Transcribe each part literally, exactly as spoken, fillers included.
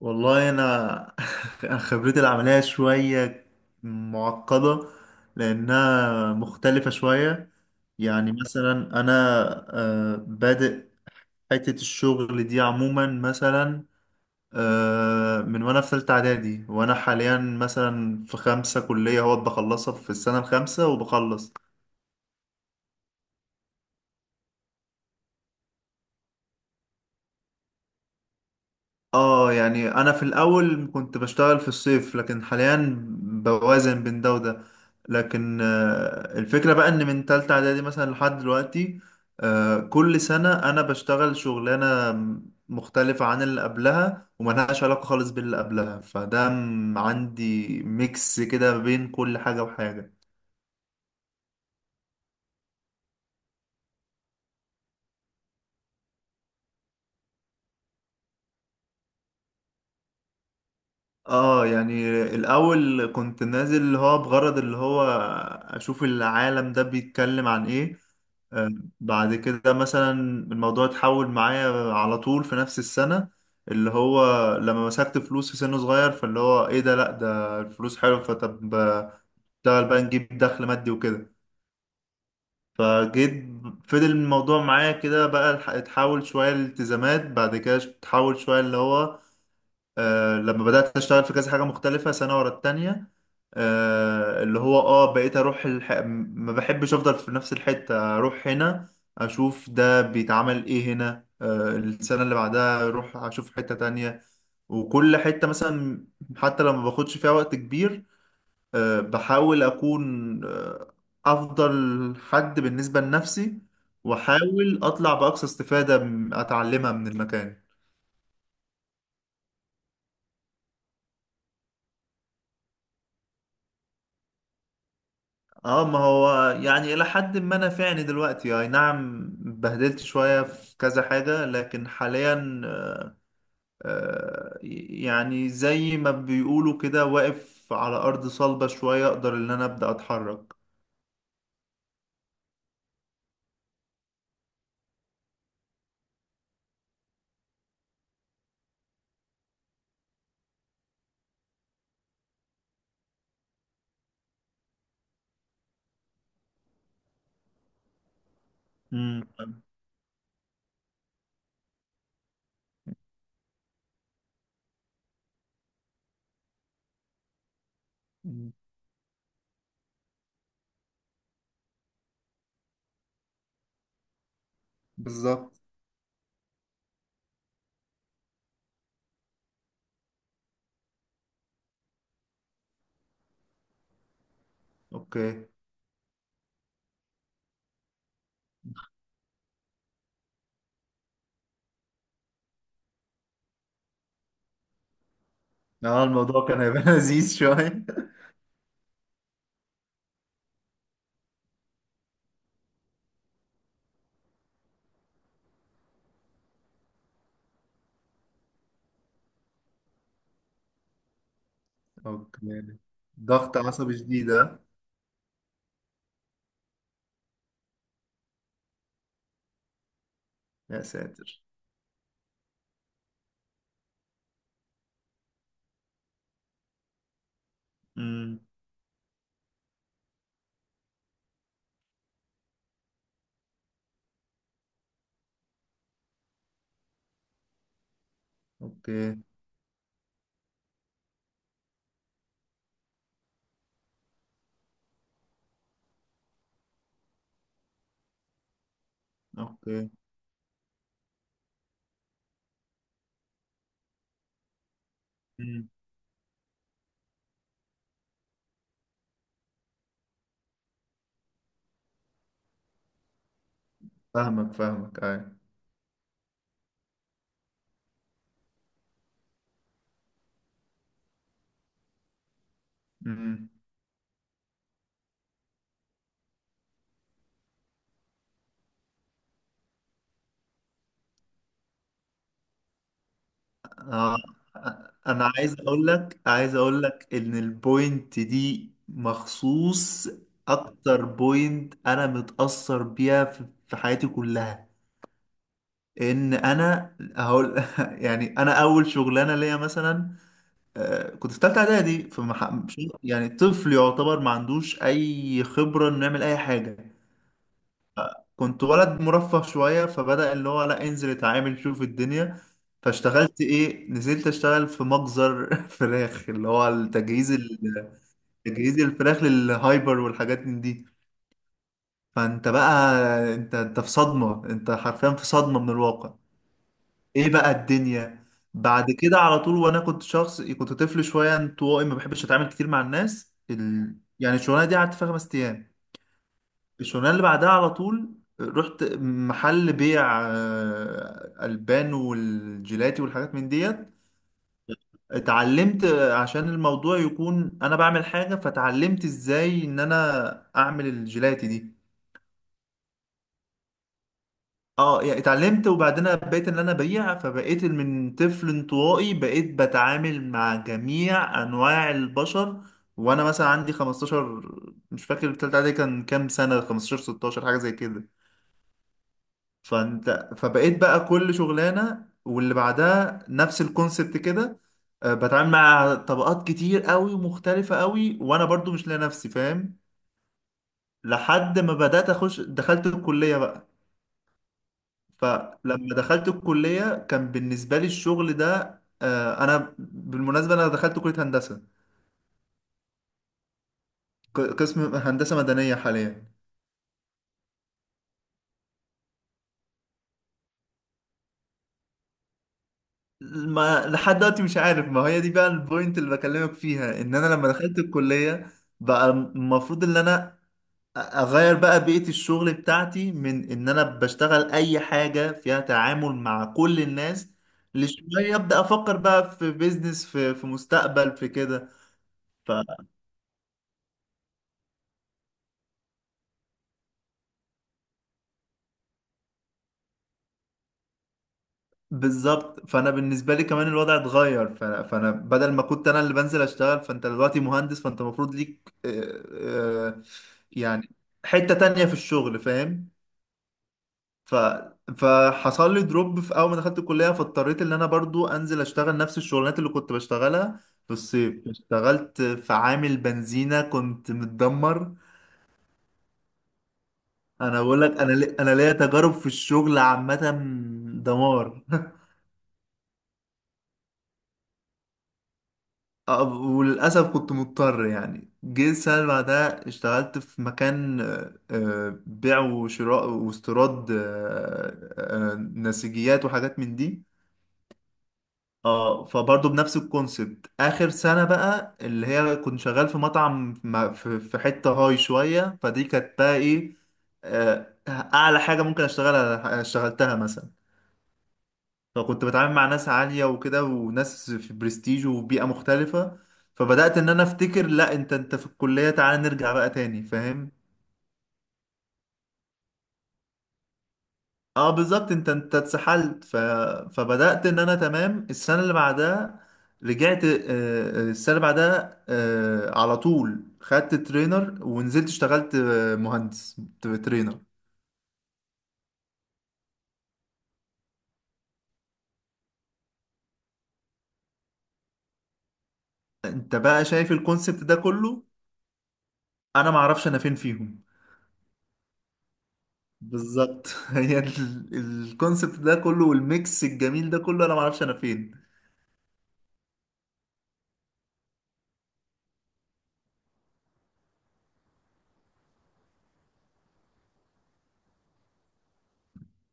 والله انا خبرتي العمليه شويه معقده، لانها مختلفه شويه. يعني مثلا انا آه، بادئ حته الشغل دي عموما، مثلا آه، من وانا في ثالثه اعدادي، وانا حاليا مثلا في خمسه كليه اهوت، بخلصها في السنه الخامسه وبخلص. اه يعني انا في الاول كنت بشتغل في الصيف، لكن حاليا بوازن بين ده وده. لكن آه، الفكرة بقى ان من تالتة اعدادي مثلا لحد دلوقتي، آه، كل سنة انا بشتغل شغلانة مختلفة عن اللي قبلها، وملهاش علاقة خالص باللي قبلها. فده م- عندي ميكس كده بين كل حاجة وحاجة. اه يعني الاول كنت نازل اللي هو بغرض اللي هو اشوف العالم ده بيتكلم عن ايه. آه، بعد كده مثلا الموضوع اتحول معايا على طول في نفس السنة، اللي هو لما مسكت فلوس في سن صغير، فاللي هو ايه ده؟ لا ده الفلوس حلوة، فطب آه، اشتغل بقى نجيب دخل مادي وكده. فجيت، فضل الموضوع معايا كده بقى، الح- اتحول شوية لالتزامات. بعد كده اتحول شوية اللي هو آه، لما بدأت أشتغل في كذا حاجة مختلفة سنة ورا التانية، آه، اللي هو اه بقيت أروح الح... ما بحبش أفضل في نفس الحتة، أروح هنا أشوف ده بيتعمل إيه هنا، آه، السنة اللي بعدها أروح أشوف حتة تانية. وكل حتة مثلا حتى لما باخدش فيها وقت كبير، آه، بحاول أكون آه، أفضل حد بالنسبة لنفسي، وأحاول أطلع بأقصى استفادة م- أتعلمها من المكان. اه ما هو يعني الى حد ما نافعني دلوقتي، اي نعم بهدلت شوية في كذا حاجة، لكن حاليا آه، يعني زي ما بيقولوا كده واقف على ارض صلبة شوية، اقدر ان انا ابدأ اتحرك. امم أمم، بالظبط. اوكي. اه الموضوع كان هيبقى لذيذ شوية. اوكي. ضغط عصبي شديد آه؟ يا ساتر. امم. اوكي. اوكي. امم. فاهمك فاهمك اي. امم. آه. انا عايز اقول لك، عايز اقول لك ان البوينت دي مخصوص اكتر بوينت انا متأثر بيها في في حياتي كلها، ان انا هقول يعني انا اول شغلانه ليا مثلا آه، كنت في ثالثه اعدادي، في مح... مش- يعني طفل يعتبر ما عندوش اي خبره انه يعمل اي حاجه. كنت ولد مرفه شوية، فبدأ اللي هو لا انزل اتعامل شوف الدنيا. فاشتغلت ايه؟ نزلت اشتغل في مجزر فراخ، اللي هو التجهيز ال- تجهيز الفراخ للهايبر والحاجات من دي. فانت بقى انت انت في صدمة، انت حرفيا في صدمة من الواقع. ايه بقى الدنيا؟ بعد كده على طول، وانا كنت شخص كنت طفل شوية انطوائي، ما بحبش اتعامل كتير مع الناس ال... يعني الشغلانة دي قعدت فيها خمس ايام. الشغلانه اللي بعدها على طول رحت محل بيع آه، البان والجيلاتي والحاجات من ديت. اتعلمت آه، عشان الموضوع يكون انا بعمل حاجه، فتعلمت ازاي ان انا اعمل الجيلاتي دي. اه يعني اتعلمت وبعدين بقيت ان انا ابيع، فبقيت من طفل انطوائي بقيت بتعامل مع جميع انواع البشر، وانا مثلا عندي خمسة عشر، مش فاكر التالتة دي كان كام سنه، خمستاشر ستاشر حاجه زي كده. فانت فبقيت بقى كل شغلانه واللي بعدها نفس الكونسبت كده، آه، بتعامل مع طبقات كتير قوي ومختلفه قوي، وانا برضو مش لاقي نفسي فاهم، لحد ما بدات اخش دخلت الكليه بقى. فلما دخلت الكليه كان بالنسبه لي الشغل ده آه، انا بالمناسبه انا دخلت كليه هندسه، ق- قسم هندسه مدنيه حاليا. ما لحد دلوقتي مش عارف، ما هي دي بقى البوينت اللي بكلمك فيها، ان انا لما دخلت الكليه بقى المفروض ان انا اغير بقى بيئة الشغل بتاعتي، من ان انا بشتغل اي حاجة فيها تعامل مع كل الناس، لشوية ابدا افكر بقى في بيزنس، في في مستقبل، في كده. فبالظبط، فانا بالنسبة لي كمان الوضع اتغير. ف- فانا بدل ما كنت انا اللي بنزل اشتغل، فانت دلوقتي مهندس، فانت المفروض ليك آه، آه، يعني حتة تانية في الشغل فاهم. ف... فحصل لي دروب في اول ما دخلت الكليه، فاضطريت ان انا برضو انزل اشتغل نفس الشغلانات اللي كنت بشتغلها في الصيف. اشتغلت في عامل بنزينه، كنت متدمر. انا بقول لك، انا لي... انا ليا تجارب في الشغل عامه، دمار. أه، وللاسف كنت مضطر. يعني جه السنه اللي بعدها اشتغلت في مكان آه، آه، بيع وشراء واستيراد آه، آه، نسيجيات وحاجات من دي. اه فبرضه بنفس الكونسبت، اخر سنه بقى اللي هي كنت شغال في مطعم، ما- في في حته هاي شويه، فدي كانت بقى ايه آه، اعلى حاجه ممكن اشتغلها، اشتغلتها مثلا. فكنت بتعامل مع ناس عاليه وكده، وناس في برستيج وبيئه مختلفه. فبدات ان انا افتكر لا انت انت في الكليه، تعالى نرجع بقى تاني فاهم. اه بالظبط، انت انت اتسحلت. ف... فبدأت ان انا، تمام، السنة اللي بعدها رجعت آه، آه، السنة اللي بعدها آه، على طول خدت ترينر، ونزلت اشتغلت آه، مهندس ترينر. انت بقى شايف الكونسبت ده كله، انا معرفش انا فين فيهم. بالظبط هي ال- الكونسبت ده كله والميكس الجميل ده كله، انا معرفش انا فين.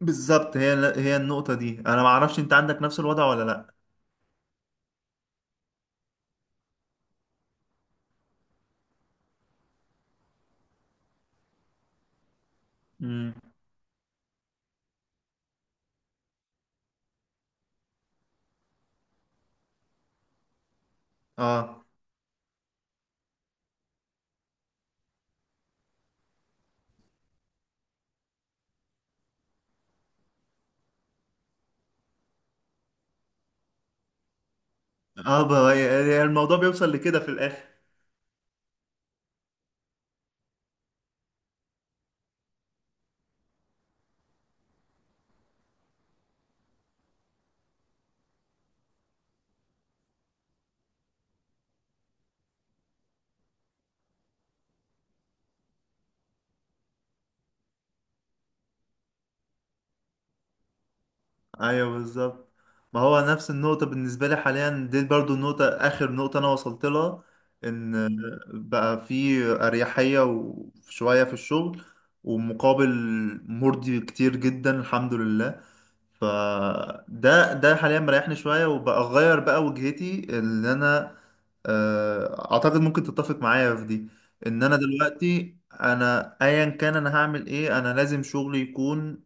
بالظبط، هي هي النقطة دي، انا معرفش انت عندك نفس الوضع ولا لا. امم. اه. اه بقى- يعني الموضوع بيوصل لكده في الاخر. ايوه بالظبط، ما هو نفس النقطة بالنسبة لي حاليا، دي برضو النقطة آخر نقطة أنا وصلت لها، إن بقى في أريحية وشوية في الشغل، ومقابل مرضي كتير جدا الحمد لله. فده ده حاليا مريحني شوية، وبقى أغير بقى وجهتي اللي أنا آه، أعتقد ممكن تتفق معايا في دي، إن أنا دلوقتي أنا أيا كان أنا هعمل إيه، أنا لازم شغلي يكون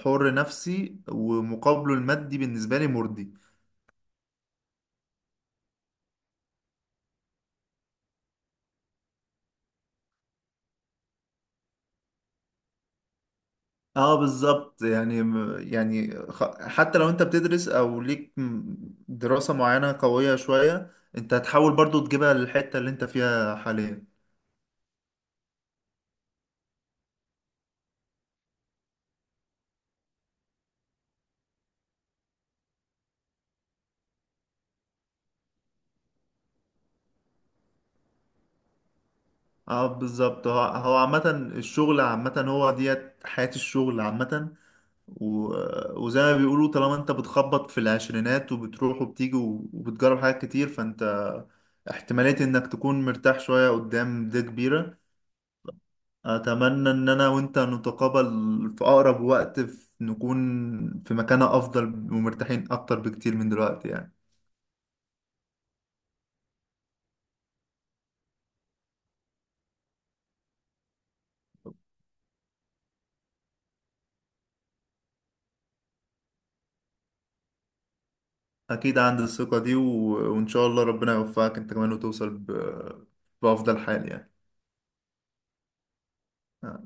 حر نفسي، ومقابله المادي بالنسبة لي مرضي. اه بالظبط يعني م- يعني خ- حتى لو انت بتدرس او ليك م- دراسة معينة قوية شوية، انت هتحاول برضو تجيبها للحتة اللي انت فيها حاليا. اه بالظبط، هو هو عامة الشغل عامة، هو ديت حياة الشغل عامة و... وزي ما بيقولوا طالما انت بتخبط في العشرينات وبتروح وبتيجي وبتجرب حاجات كتير، فانت احتمالية انك تكون مرتاح شوية قدام دي كبيرة. أتمنى إن أنا وأنت نتقابل في أقرب وقت، في نكون في مكانة أفضل، ومرتاحين أكتر بكتير من دلوقتي يعني. أكيد عندي الثقة دي و... وإن شاء الله ربنا يوفقك أنت كمان، وتوصل ب... بأفضل حال يعني. آه،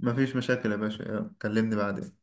مفيش مشاكل يا باشا، آه، كلمني بعدين.